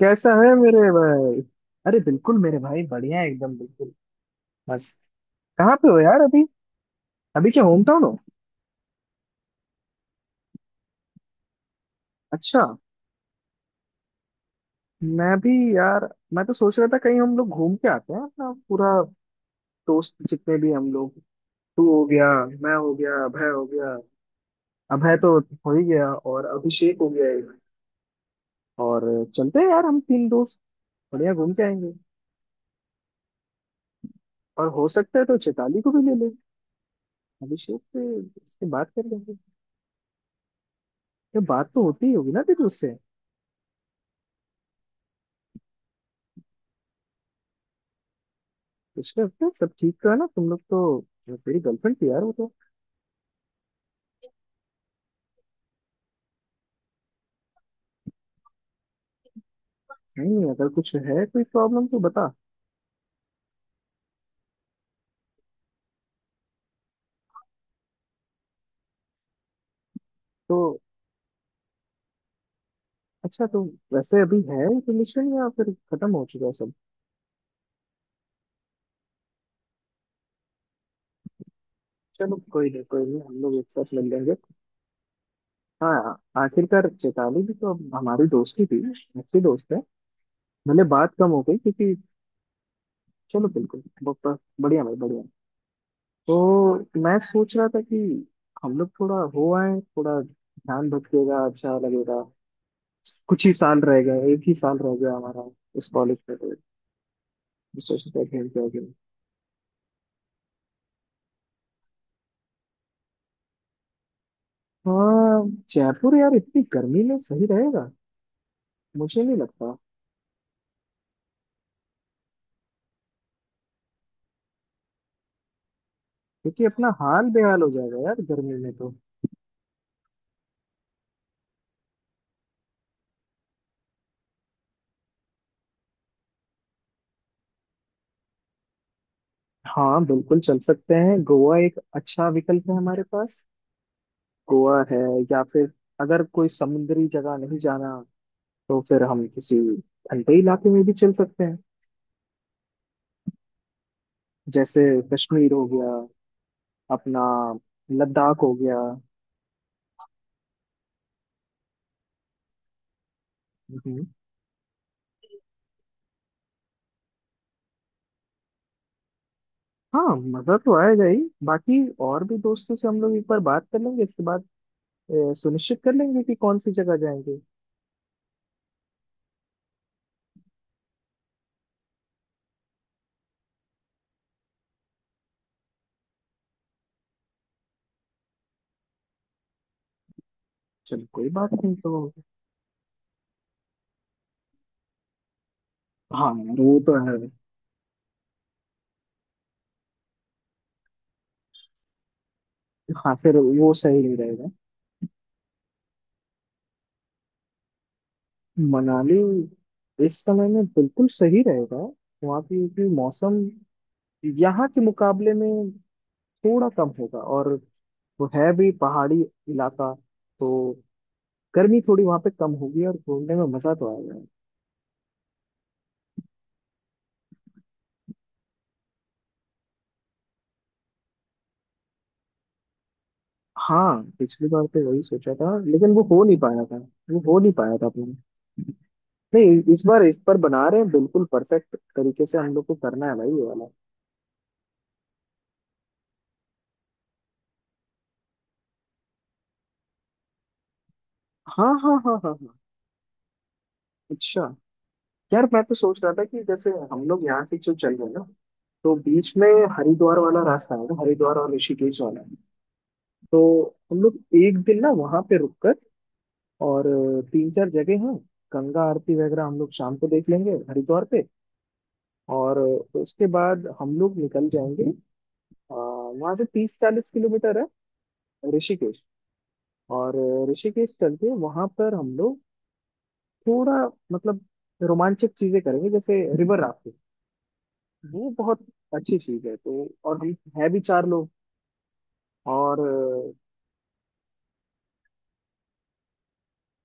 कैसा है मेरे भाई? अरे बिल्कुल मेरे भाई, बढ़िया एकदम, बिल्कुल मस्त। कहाँ पे हो यार अभी? अभी क्या होम टाउन हो? अच्छा। मैं भी यार, मैं तो सोच रहा था कहीं हम लोग घूम के आते हैं अपना पूरा दोस्त जितने भी हम लोग। तू हो गया, मैं हो गया, अभय हो गया। अभय तो हो ही गया और अभिषेक हो गया एक। और चलते हैं यार हम तीन दोस्त, बढ़िया घूम के आएंगे। और हो सकता है तो चैताली को भी ले लें। अभिषेक से इसकी बात कर लेंगे। ये बात तो होती ही होगी ना तेरी। पिछले हफ्ते सब ठीक तो है ना तुम लोग तो? तेरी गर्लफ्रेंड थी यार वो तो। नहीं, अगर कुछ है कोई प्रॉब्लम तो बता। तो अच्छा, तो वैसे अभी है रिलेशन या फिर खत्म हो चुका है सब? चलो कोई नहीं कोई नहीं, हम लोग एक साथ मिल लेंगे। हाँ, आखिरकार चेताली भी तो अब हमारी दोस्त ही थी, अच्छी दोस्त है। भले बात कम हो गई, क्योंकि चलो बिल्कुल बढ़िया भाई बढ़िया। तो मैं सोच रहा था कि हम लोग थोड़ा हो आए, थोड़ा ध्यान भटकेगा, अच्छा लगेगा। कुछ ही साल रह गए, एक ही साल रह गया हमारा इस कॉलेज में तो। सोचते थे क्या करें। हाँ जयपुर यार, इतनी गर्मी में सही रहेगा? मुझे नहीं लगता, क्योंकि अपना हाल बेहाल हो जाएगा यार गर्मी में तो। हाँ बिल्कुल चल सकते हैं, गोवा एक अच्छा विकल्प है हमारे पास। गोवा है। या फिर अगर कोई समुद्री जगह नहीं जाना तो फिर हम किसी ठंडे इलाके में भी चल सकते हैं। जैसे कश्मीर हो गया अपना, लद्दाख हो गया। हम्म। हाँ मजा तो आएगा ही। बाकी और भी दोस्तों से हम लोग एक बार बात कर लेंगे इसके बाद, सुनिश्चित कर लेंगे कि कौन सी जगह जाएंगे। चलो कोई बात नहीं तो। हाँ यार, वो तो है। हाँ फिर वो सही नहीं रहेगा। मनाली इस समय में बिल्कुल सही रहेगा। वहाँ की मौसम यहाँ के मुकाबले में थोड़ा कम होगा, और वो है भी पहाड़ी इलाका तो। गर्मी थोड़ी वहाँ पे कम होगी और घूमने में मजा तो आएगा। हाँ पिछली बार तो वही सोचा था लेकिन वो हो नहीं पाया था, वो हो नहीं पाया था अपने। नहीं इस बार इस पर बना रहे हैं, बिल्कुल परफेक्ट तरीके से हम लोग को करना है भाई ये वाला। हाँ हाँ हाँ हाँ हाँ। अच्छा यार, मैं तो सोच रहा था कि जैसे हम लोग यहाँ से जो चल रहे हैं ना, तो बीच में हरिद्वार वाला रास्ता है ना, हरिद्वार और ऋषिकेश वाला। तो हम लोग एक दिन ना वहां पे रुक कर, और तीन चार जगह हैं, गंगा आरती वगैरह हम लोग शाम को देख लेंगे हरिद्वार पे। और उसके बाद हम लोग निकल जाएंगे। वहां से 30 40 किलोमीटर है ऋषिकेश। और ऋषिकेश चल के वहां पर हम लोग थोड़ा मतलब रोमांचक चीजें करेंगे, जैसे रिवर राफ्टिंग। वो बहुत अच्छी चीज है तो, और हम है भी चार लोग। और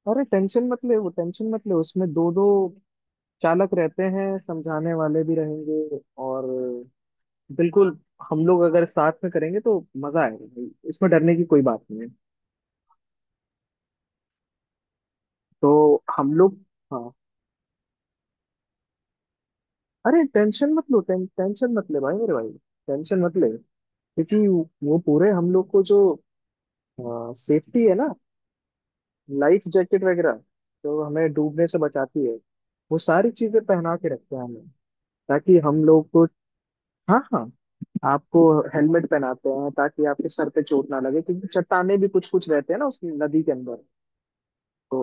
अरे टेंशन मत ले, वो टेंशन मत ले, उसमें दो दो चालक रहते हैं, समझाने वाले भी रहेंगे। और बिल्कुल हम लोग अगर साथ में करेंगे तो मजा आएगा भाई, इसमें डरने की कोई बात नहीं है। तो हम लोग हाँ, अरे टेंशन मत लो, टेंशन मत ले भाई मेरे भाई, टेंशन मत ले। क्योंकि वो पूरे हम लोग को जो सेफ्टी है ना, लाइफ जैकेट वगैरह, जो हमें डूबने से बचाती है, वो सारी चीजें पहना के रखते हैं हमें, ताकि हम लोग को। हाँ हाँ आपको हेलमेट पहनाते हैं ताकि आपके सर पे चोट ना लगे, क्योंकि चट्टाने भी कुछ कुछ रहते हैं ना उस नदी के अंदर। तो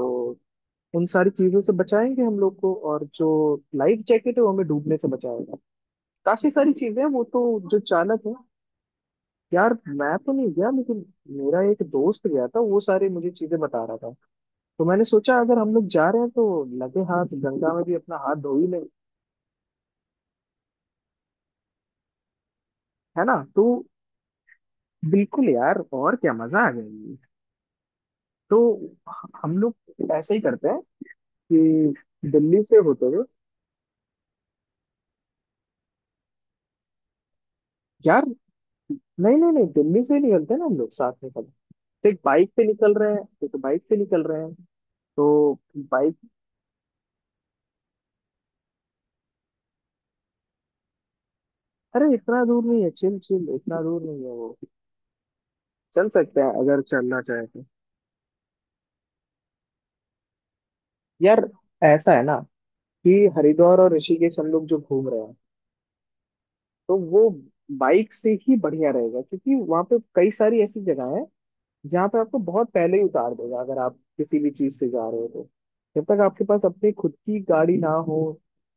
उन सारी चीजों से बचाएंगे हम लोग को, और जो लाइफ जैकेट है वो हमें डूबने से बचाएगा। काफी सारी चीजें हैं वो तो, जो चालक है। यार मैं तो नहीं गया लेकिन मेरा एक दोस्त गया था, वो सारी मुझे चीजें बता रहा था। तो मैंने सोचा अगर हम लोग जा रहे हैं तो लगे हाथ गंगा में भी अपना हाथ धो ही लें, है ना। तो बिल्कुल यार, और क्या मजा आ जाएगी। तो हम लोग ऐसे ही करते हैं कि दिल्ली से होते हुए, यार नहीं नहीं नहीं, दिल्ली से ही निकलते हैं ना हम लोग साथ में सब। तो एक बाइक पे निकल रहे हैं, एक बाइक पे निकल रहे हैं तो बाइक। अरे इतना दूर नहीं है, चिल चिल, इतना दूर नहीं है वो, चल सकते हैं अगर चलना चाहे तो। यार ऐसा है ना कि हरिद्वार और ऋषिकेश हम लोग जो घूम रहे हैं, तो वो बाइक से ही बढ़िया रहेगा, क्योंकि वहां पे कई सारी ऐसी जगह है जहाँ पे आपको बहुत पहले ही उतार देगा अगर आप किसी भी चीज से जा रहे हो तो। जब तक आपके पास अपनी खुद की गाड़ी ना हो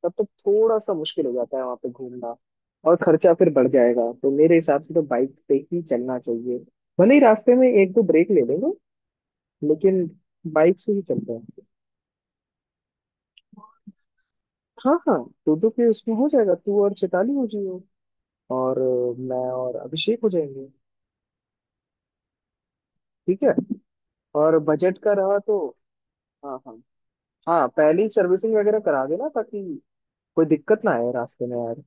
तब तक थोड़ा सा मुश्किल हो जाता है वहां पे घूमना, और खर्चा फिर बढ़ जाएगा। तो मेरे हिसाब से तो बाइक पे ही चलना चाहिए, भले ही रास्ते में एक दो ब्रेक ले लेंगे लेकिन। बाइक से ही चलते हैं, हाँ हाँ, दो दो के उसमें हो जाएगा, तू और चैताली हो जाइए, और मैं और अभिषेक हो जाएंगे। ठीक है, और बजट का रहा तो। हाँ हाँ, हाँ पहले ही सर्विसिंग वगैरह करा देना ताकि कोई दिक्कत ना आए रास्ते में यार।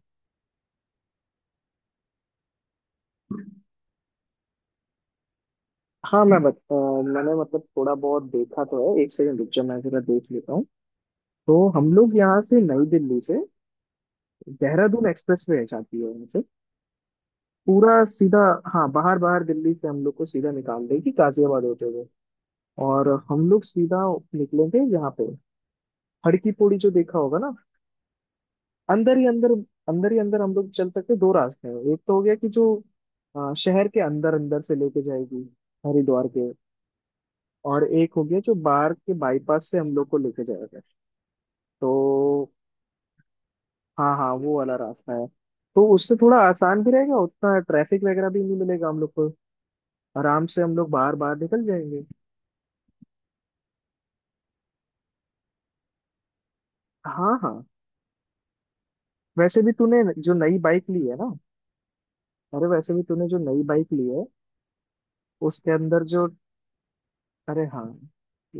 हाँ मैंने मतलब थोड़ा बहुत देखा तो है, एक सेकंड रुक जाओ मैं जरा देख लेता हूँ। तो हम लोग यहाँ से, नई दिल्ली से देहरादून एक्सप्रेस वे जाती है यहाँ से, पूरा सीधा। हाँ बाहर बाहर दिल्ली से हम लोग को सीधा निकाल देगी गाजियाबाद होते हुए, और हम लोग सीधा निकलेंगे। यहाँ पे हड़की पौड़ी जो देखा होगा ना, अंदर ही अंदर, अंदर ही अंदर हम लोग चल सकते हैं। दो रास्ते हैं, एक तो हो गया कि जो शहर के अंदर अंदर से लेके जाएगी हरिद्वार के, और एक हो गया जो बाहर के बाईपास से हम लोग को लेके जाएगा। तो हाँ हाँ वो वाला रास्ता है, तो उससे थोड़ा आसान भी रहेगा, उतना ट्रैफिक वगैरह भी नहीं मिलेगा हम लोग को, आराम से हम लोग बाहर बाहर निकल जाएंगे। हाँ हाँ, वैसे भी तूने जो नई बाइक ली है ना, अरे वैसे भी तूने जो नई बाइक ली है उसके अंदर जो, अरे हाँ,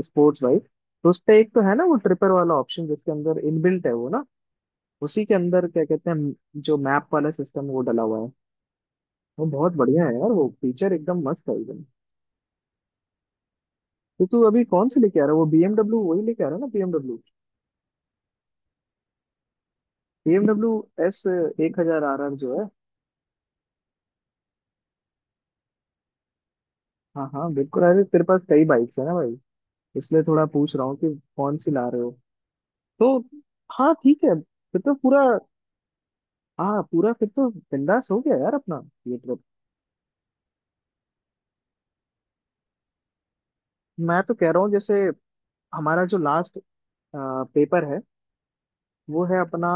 स्पोर्ट्स बाइक, तो उस पे एक तो है ना वो ट्रिपर वाला ऑप्शन जिसके अंदर इनबिल्ट है वो ना, उसी के अंदर क्या कहते हैं जो मैप वाला सिस्टम वो डला हुआ है। वो बहुत बढ़िया है यार, वो फीचर एकदम मस्त है एकदम। तो तू अभी कौन सी लेके आ रहा है, वो BMW वही लेके आ रहा है ना BMW? BMW S 1000 are R जो है। हाँ हाँ बिल्कुल, अरे तेरे पास कई बाइक्स है ना भाई, इसलिए थोड़ा पूछ रहा हूँ कि कौन सी ला रहे हो। तो हाँ ठीक है फिर तो पूरा, हाँ पूरा फिर तो बिंदास हो गया यार अपना ये ट्रिप। मैं तो कह रहा हूँ जैसे हमारा जो लास्ट पेपर है वो है अपना,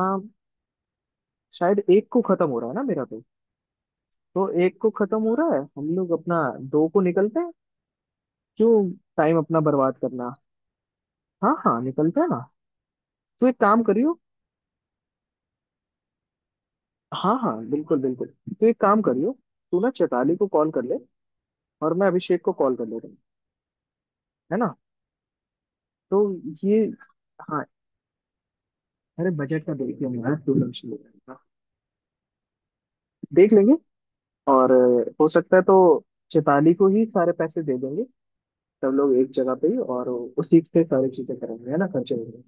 शायद एक को खत्म हो रहा है ना मेरा तो एक को खत्म हो रहा है, हम लोग अपना दो को निकलते हैं। क्यों टाइम अपना बर्बाद करना? हाँ हाँ निकलते हैं ना, तो एक काम करियो, हाँ हाँ बिल्कुल बिल्कुल, तो एक काम करियो, तू ना चैताली को कॉल कर ले, और मैं अभिषेक को कॉल कर लेता हूँ, है ना। तो ये हाँ, अरे बजट का देख लेंगे यार, तू टेंशन मत ले। देख लेंगे, और हो सकता है तो चैताली को ही सारे पैसे दे देंगे सब लोग एक जगह पे, और उसी से सारी चीजें करेंगे, है ना, खर्चेंगे,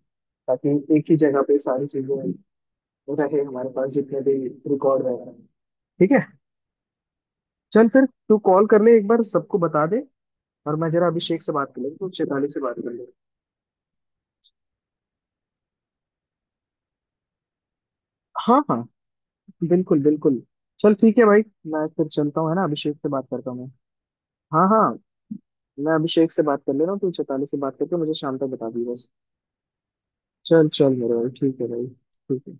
ताकि एक ही जगह पे सारी चीजें रहे हमारे पास जितने भी रिकॉर्ड वगैरह हैं। ठीक है, चल फिर तू कॉल कर ले एक बार सबको बता दे, और मैं जरा अभिषेक से बात कर लेंगे, तो चेताली से बात कर लेंगे। हाँ हाँ बिल्कुल बिल्कुल, चल ठीक है भाई, मैं फिर चलता हूँ है ना, अभिषेक से बात करता हूँ मैं। हाँ हाँ, मैं अभिषेक से बात कर ले रहा हूँ, तू चेताली से बात करके मुझे शाम तक बता दी बस। चल चल मेरे भाई, ठीक है भाई, ठीक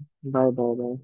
है। Bye bye bye.